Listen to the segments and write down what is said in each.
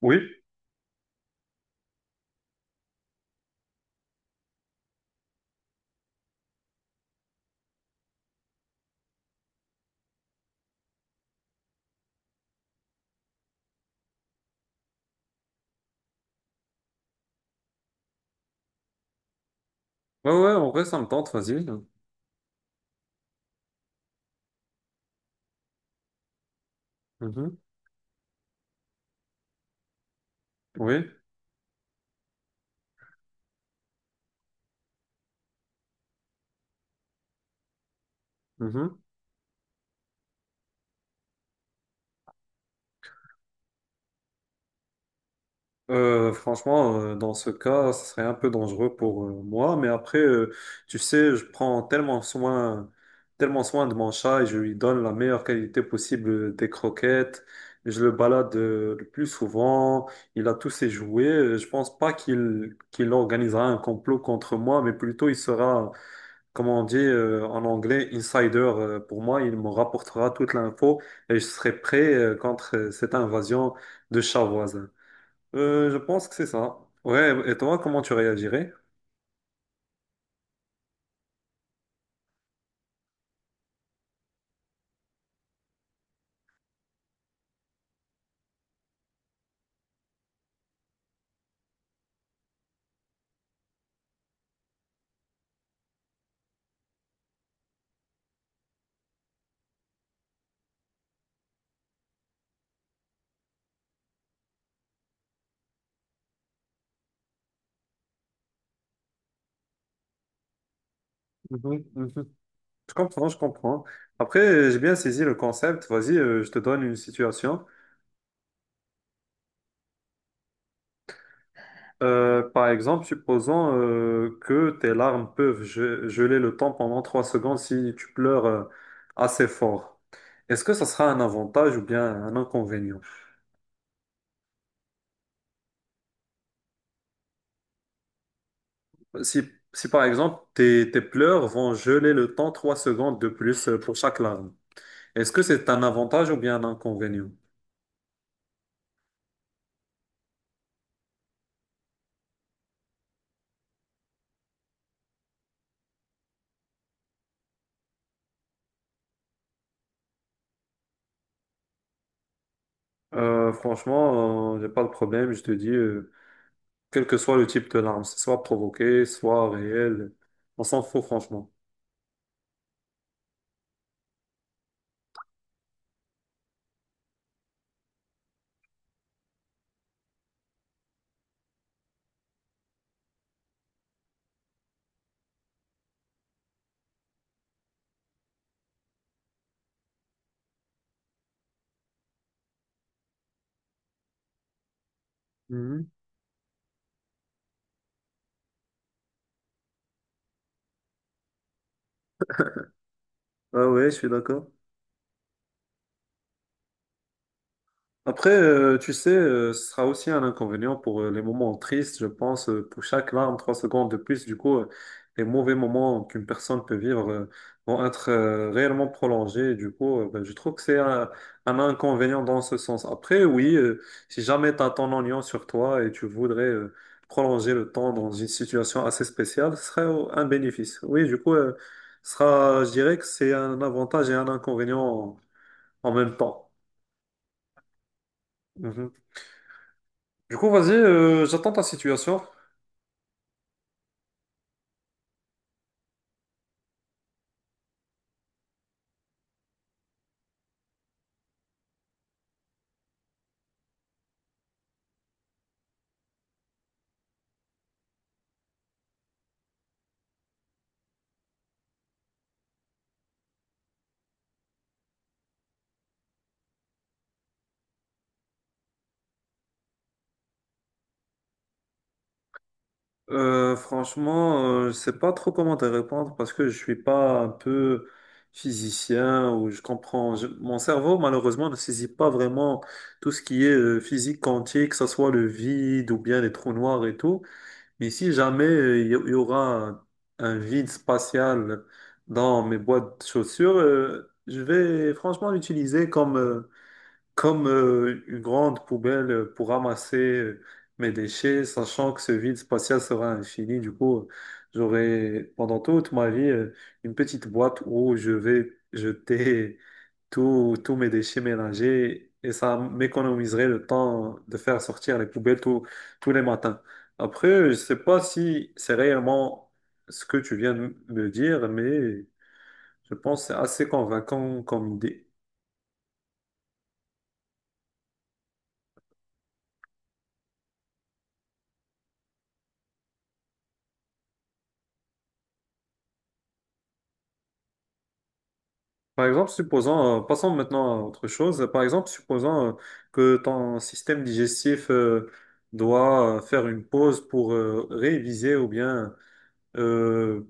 Oui, ouais, ouais, en vrai, ça me tente, vas-y. Mhm. Oui, mhm. Franchement, dans ce cas, ça serait un peu dangereux pour moi, mais après, tu sais, je prends tellement soin de mon chat et je lui donne la meilleure qualité possible des croquettes. Je le balade le plus souvent, il a tous ses jouets. Je pense pas qu'il organisera un complot contre moi, mais plutôt il sera comment on dit en anglais, insider, pour moi, il me rapportera toute l'info et je serai prêt contre cette invasion de chats voisins. Je pense que c'est ça. Ouais, et toi, comment tu réagirais? Mhm, mhm. Je comprends, je comprends. Après, j'ai bien saisi le concept. Vas-y, je te donne une situation. Par exemple, supposons que tes larmes peuvent geler le temps pendant 3 secondes si tu pleures assez fort. Est-ce que ça sera un avantage ou bien un inconvénient? Si, si par exemple tes pleurs vont geler le temps 3 secondes de plus pour chaque larme, est-ce que c'est un avantage ou bien un inconvénient? Franchement, j'ai pas de problème, je te dis, quel que soit le type de larme, c'est soit provoqué, soit réel, on s'en fout franchement. Mhm. Ah ouais, je suis d'accord. Après, tu sais, ce sera aussi un inconvénient pour les moments tristes, je pense, pour chaque larme, 3 secondes de plus. Du coup, les mauvais moments qu'une personne peut vivre vont être réellement prolongés. Du coup, ben, je trouve que c'est un inconvénient dans ce sens. Après, oui, si jamais tu as ton oignon sur toi et tu voudrais prolonger le temps dans une situation assez spéciale, ce serait un bénéfice. Oui, du coup, ce sera, je dirais que c'est un avantage et un inconvénient en même temps. Mhm. Du coup, vas-y, j'attends ta situation. Franchement, je sais pas trop comment te répondre parce que je suis pas un peu physicien ou je comprends. Mon cerveau, malheureusement, ne saisit pas vraiment tout ce qui est physique quantique, que ce soit le vide ou bien les trous noirs et tout. Mais si jamais il y aura un vide spatial dans mes boîtes de chaussures, je vais franchement l'utiliser comme. Comme une grande poubelle pour ramasser mes déchets, sachant que ce vide spatial sera infini. Du coup, j'aurai pendant toute ma vie une petite boîte où je vais jeter tous mes déchets mélangés et ça m'économiserait le temps de faire sortir les poubelles tous les matins. Après, je sais pas si c'est réellement ce que tu viens de me dire, mais je pense que c'est assez convaincant comme idée. Par exemple, supposons, passons maintenant à autre chose. Par exemple, supposons que ton système digestif doit faire une pause pour réviser ou bien euh,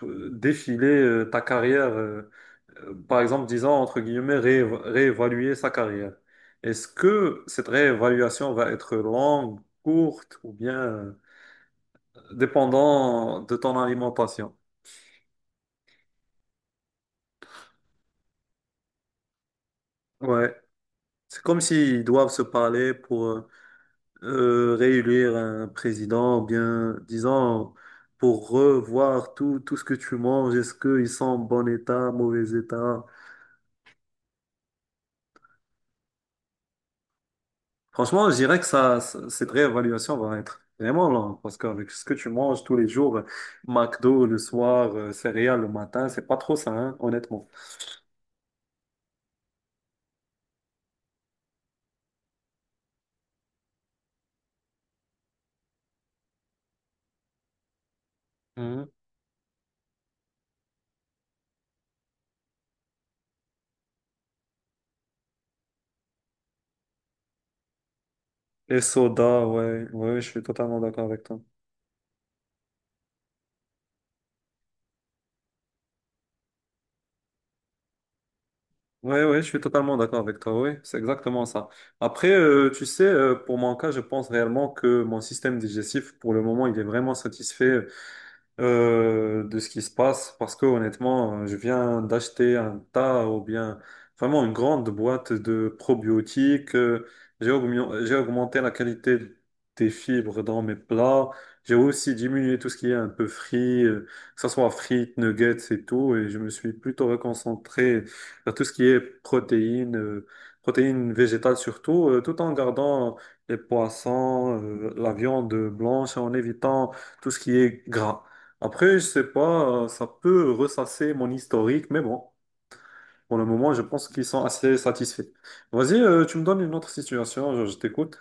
p- défiler ta carrière. Par exemple, disons, entre guillemets, réévaluer sa carrière. Est-ce que cette réévaluation va être longue, courte ou bien dépendant de ton alimentation? Ouais. C'est comme s'ils doivent se parler pour réélire un président, ou bien, disons, pour revoir tout, tout ce que tu manges, est-ce qu'ils sont en bon état, mauvais état. Franchement, je dirais que cette réévaluation va être vraiment longue, parce qu'avec ce que tu manges tous les jours, McDo le soir, céréales le matin, c'est pas trop ça, hein, honnêtement. Mhm. Et soda, ouais, ouais, je suis totalement d'accord avec toi. Ouais, ouais, je suis totalement d'accord avec toi. Oui, c'est exactement ça. Après, tu sais, pour mon cas, je pense réellement que mon système digestif, pour le moment, il est vraiment satisfait de ce qui se passe parce que honnêtement, je viens d'acheter un tas ou bien vraiment une grande boîte de probiotiques. J'ai augmenté la qualité des fibres dans mes plats. J'ai aussi diminué tout ce qui est un peu frit, que ce soit frites, nuggets et tout. Et je me suis plutôt reconcentré vers tout ce qui est protéines, protéines végétales surtout, tout en gardant les poissons, la viande blanche, en évitant tout ce qui est gras. Après, je sais pas, ça peut ressasser mon historique, mais bon, pour le moment, je pense qu'ils sont assez satisfaits. Vas-y, tu me donnes une autre situation, je t'écoute.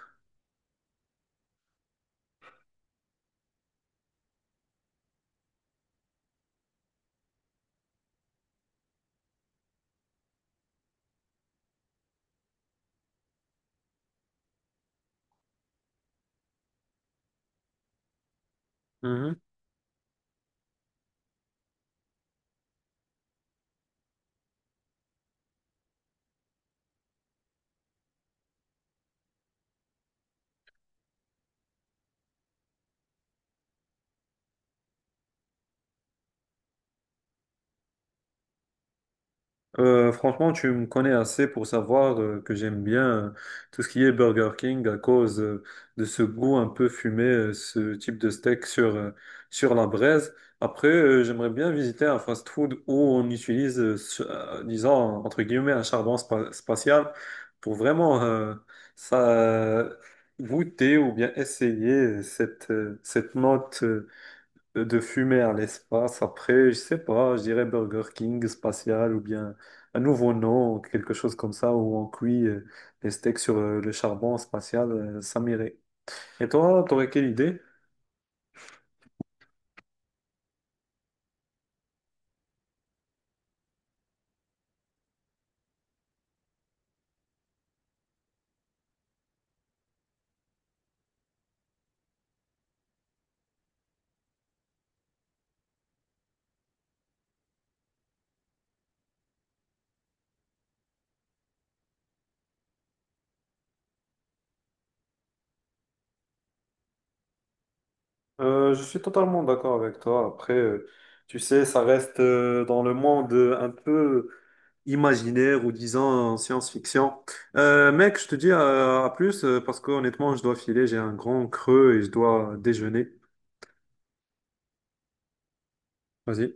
Franchement, tu me connais assez pour savoir que j'aime bien tout ce qui est Burger King à cause de ce goût un peu fumé, ce type de steak sur, sur la braise. Après, j'aimerais bien visiter un fast-food où on utilise, disons, entre guillemets, un spatial pour vraiment ça, goûter ou bien essayer cette, cette note. De fumer à l'espace. Après, je sais pas, je dirais Burger King spatial ou bien un nouveau nom, quelque chose comme ça, où on cuit les steaks sur le charbon spatial, ça m'irait. Et toi, t'aurais quelle idée? Je suis totalement d'accord avec toi. Après, tu sais, ça reste dans le monde un peu imaginaire ou disons science-fiction. Mec, je te dis à plus parce que honnêtement, je dois filer, j'ai un grand creux et je dois déjeuner. Vas-y.